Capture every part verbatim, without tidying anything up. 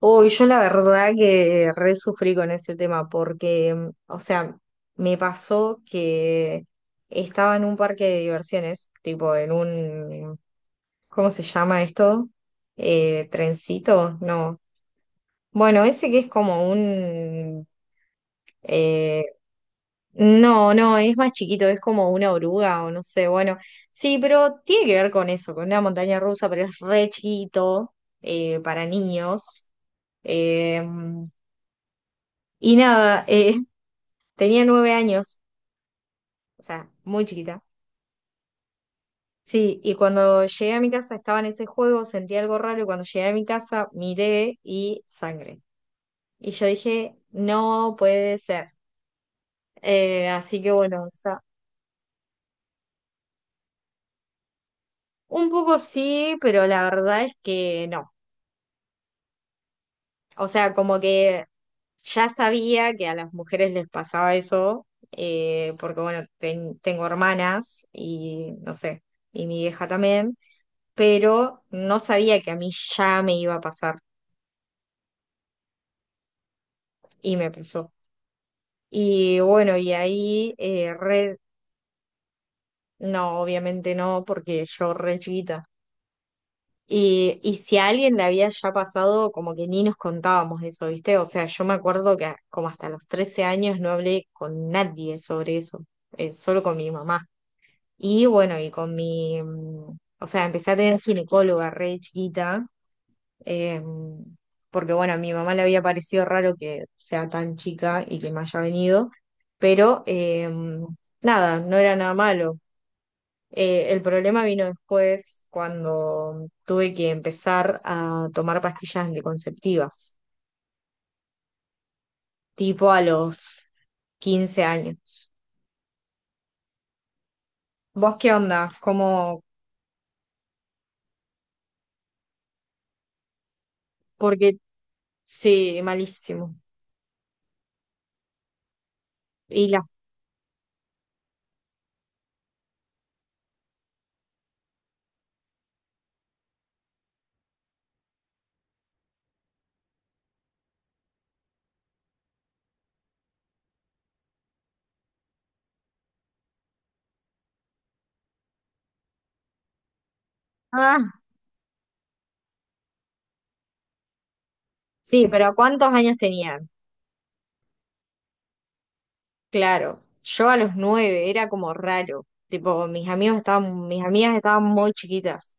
Uy, yo la verdad que re sufrí con ese tema porque, mm, o sea, me pasó que estaba en un parque de diversiones, tipo en un, ¿cómo se llama esto? Eh, trencito, no. Bueno, ese que es como un... eh, no, no, es más chiquito, es como una oruga o no sé, bueno, sí, pero tiene que ver con eso, con una montaña rusa, pero es re chiquito eh, para niños. Eh, y nada, eh, tenía nueve años, o sea, muy chiquita. Sí, y cuando llegué a mi casa estaba en ese juego, sentí algo raro y cuando llegué a mi casa miré y sangre. Y yo dije, no puede ser. Eh, así que bueno, o sea, un poco sí, pero la verdad es que no. O sea, como que ya sabía que a las mujeres les pasaba eso, eh, porque bueno, ten- tengo hermanas y no sé, y mi hija también, pero no sabía que a mí ya me iba a pasar y me pasó. Y bueno, y ahí, eh, re, no, obviamente no, porque yo re chiquita. Y, y si a alguien le había ya pasado, como que ni nos contábamos eso, ¿viste? O sea, yo me acuerdo que como hasta los trece años no hablé con nadie sobre eso, eh, solo con mi mamá. Y bueno, y con mi, mm, o sea, empecé a tener ginecóloga re chiquita, eh, porque bueno, a mi mamá le había parecido raro que sea tan chica y que me haya venido, pero eh, nada, no era nada malo. Eh, el problema vino después cuando tuve que empezar a tomar pastillas anticonceptivas, tipo a los quince años. ¿Vos qué onda? ¿Cómo? Porque sí, malísimo. Y las... Ah, sí, pero ¿cuántos años tenían? Claro, yo a los nueve era como raro. Tipo, mis amigos estaban, mis amigas estaban muy chiquitas.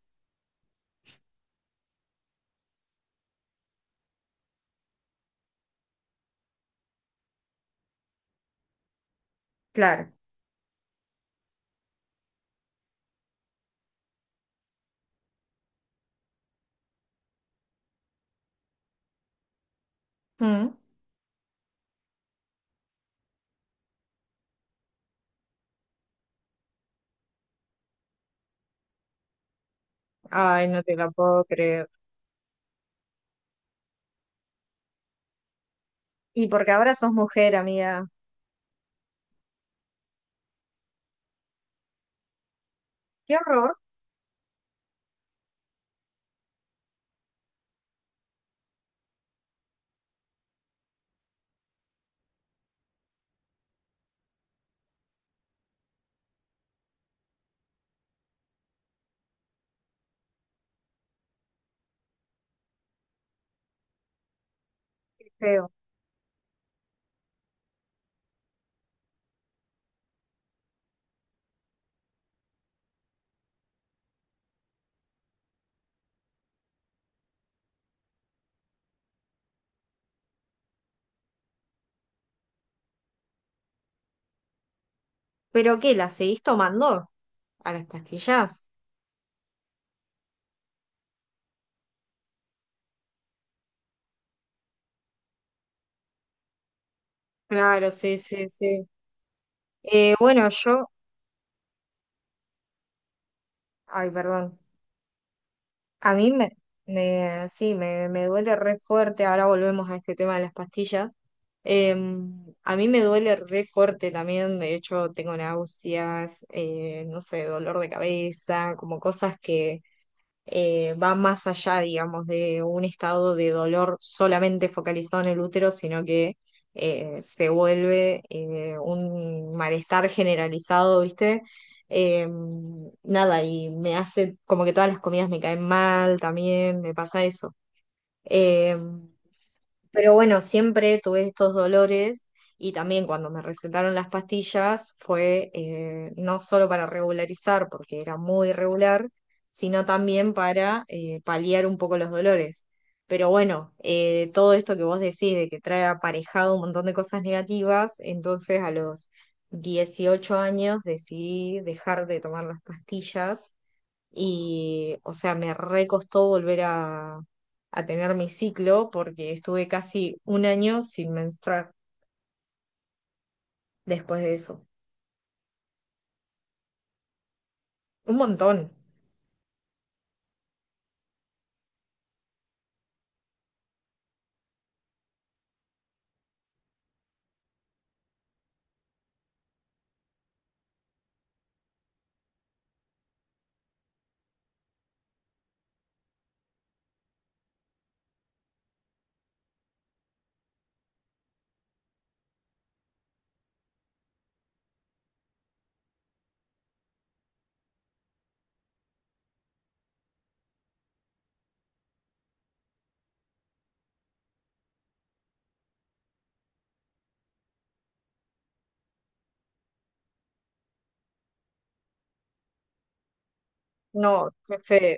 Claro. Mm. Ay, no te la puedo creer. Y porque ahora sos mujer, amiga. Qué horror, qué feo. ¿Pero qué? ¿La seguís tomando? ¿A las pastillas? Claro, sí, sí, sí. Eh, bueno, yo, ay, perdón, a mí me, me sí, me, me duele re fuerte, ahora volvemos a este tema de las pastillas. Em, a mí me duele re fuerte también, de hecho tengo náuseas, eh, no sé, dolor de cabeza, como cosas que eh, va más allá, digamos, de un estado de dolor solamente focalizado en el útero, sino que eh, se vuelve eh, un malestar generalizado, ¿viste? Eh, nada, y me hace como que todas las comidas me caen mal también, me pasa eso. Eh, pero bueno, siempre tuve estos dolores y también cuando me recetaron las pastillas fue eh, no solo para regularizar, porque era muy irregular, sino también para eh, paliar un poco los dolores. Pero bueno, eh, todo esto que vos decís de que trae aparejado un montón de cosas negativas, entonces a los dieciocho años decidí dejar de tomar las pastillas y, o sea, me recostó volver a, a tener mi ciclo porque estuve casi un año sin menstruar después de eso. Un montón. No, qué feo.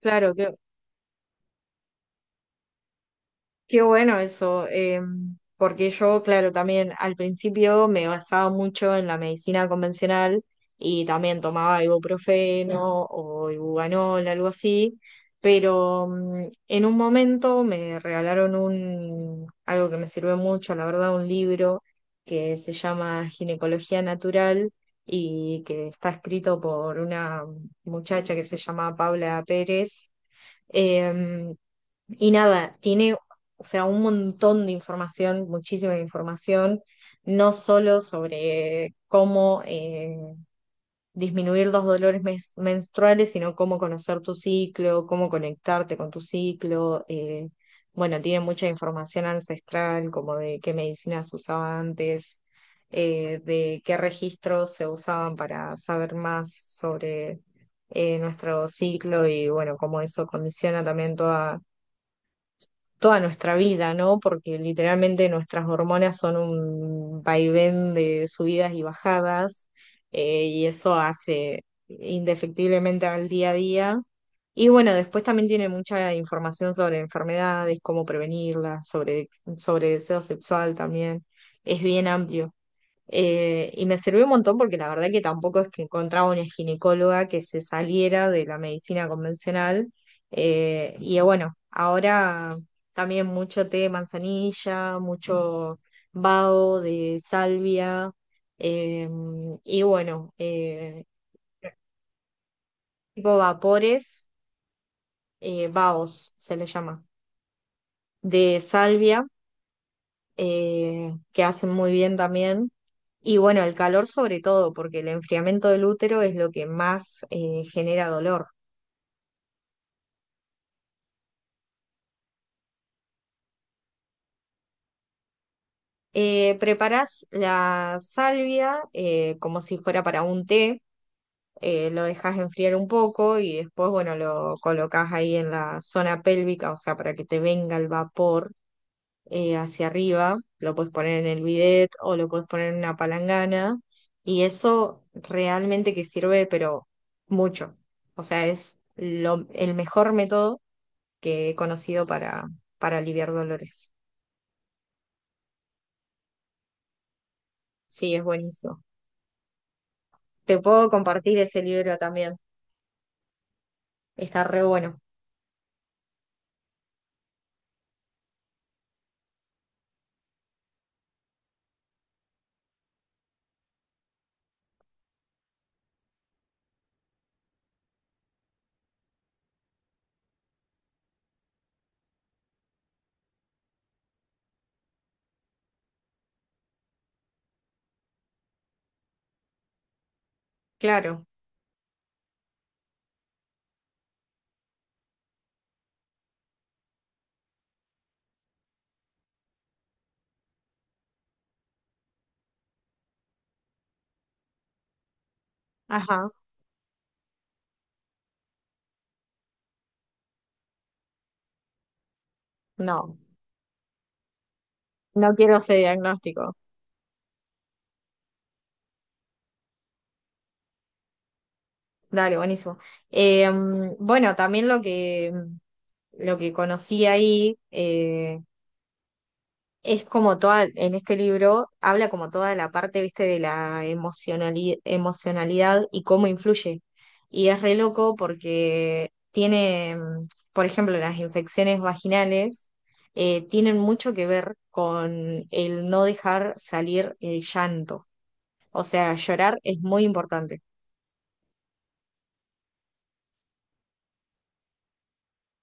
Claro, qué, Qué bueno eso, eh, porque yo, claro, también al principio me basaba mucho en la medicina convencional y también tomaba ibuprofeno o ibuganol, algo así, pero mm, en un momento me regalaron un, algo que me sirvió mucho, la verdad, un libro que se llama Ginecología Natural y que está escrito por una muchacha que se llama Paula Pérez. Em, y nada, tiene, o sea, un montón de información, muchísima información, no solo sobre cómo eh, disminuir los dolores mes- menstruales, sino cómo conocer tu ciclo, cómo conectarte con tu ciclo. eh, bueno, tiene mucha información ancestral, como de qué medicinas usaba antes, eh, de qué registros se usaban para saber más sobre eh, nuestro ciclo y bueno, cómo eso condiciona también toda toda nuestra vida, ¿no? Porque literalmente nuestras hormonas son un vaivén de subidas y bajadas, eh, y eso hace indefectiblemente al día a día. Y bueno, después también tiene mucha información sobre enfermedades, cómo prevenirlas, sobre, sobre deseo sexual también. Es bien amplio. Eh, y me sirvió un montón porque la verdad que tampoco es que encontraba una ginecóloga que se saliera de la medicina convencional. Eh, y eh, bueno, ahora también mucho té de manzanilla, mucho vaho de salvia, eh, y bueno, eh, tipo vapores, eh, vahos se le llama, de salvia eh, que hacen muy bien también. Y bueno, el calor sobre todo, porque el enfriamiento del útero es lo que más eh, genera dolor. Eh, preparás la salvia eh, como si fuera para un té, eh, lo dejas enfriar un poco y después, bueno, lo colocas ahí en la zona pélvica, o sea, para que te venga el vapor eh, hacia arriba, lo puedes poner en el bidet o lo puedes poner en una palangana y eso realmente que sirve, pero mucho. O sea, es lo, el mejor método que he conocido para, para aliviar dolores. Sí, es buenísimo. Te puedo compartir ese libro también. Está re bueno. Claro. Ajá. No, no quiero ese diagnóstico. Dale, buenísimo. Eh, bueno, también lo que, lo que conocí ahí, eh, es como toda, en este libro habla como toda la parte, viste, de la emocionali- emocionalidad y cómo influye. Y es re loco porque tiene, mm, por ejemplo, las infecciones vaginales eh, tienen mucho que ver con el no dejar salir el llanto. O sea, llorar es muy importante.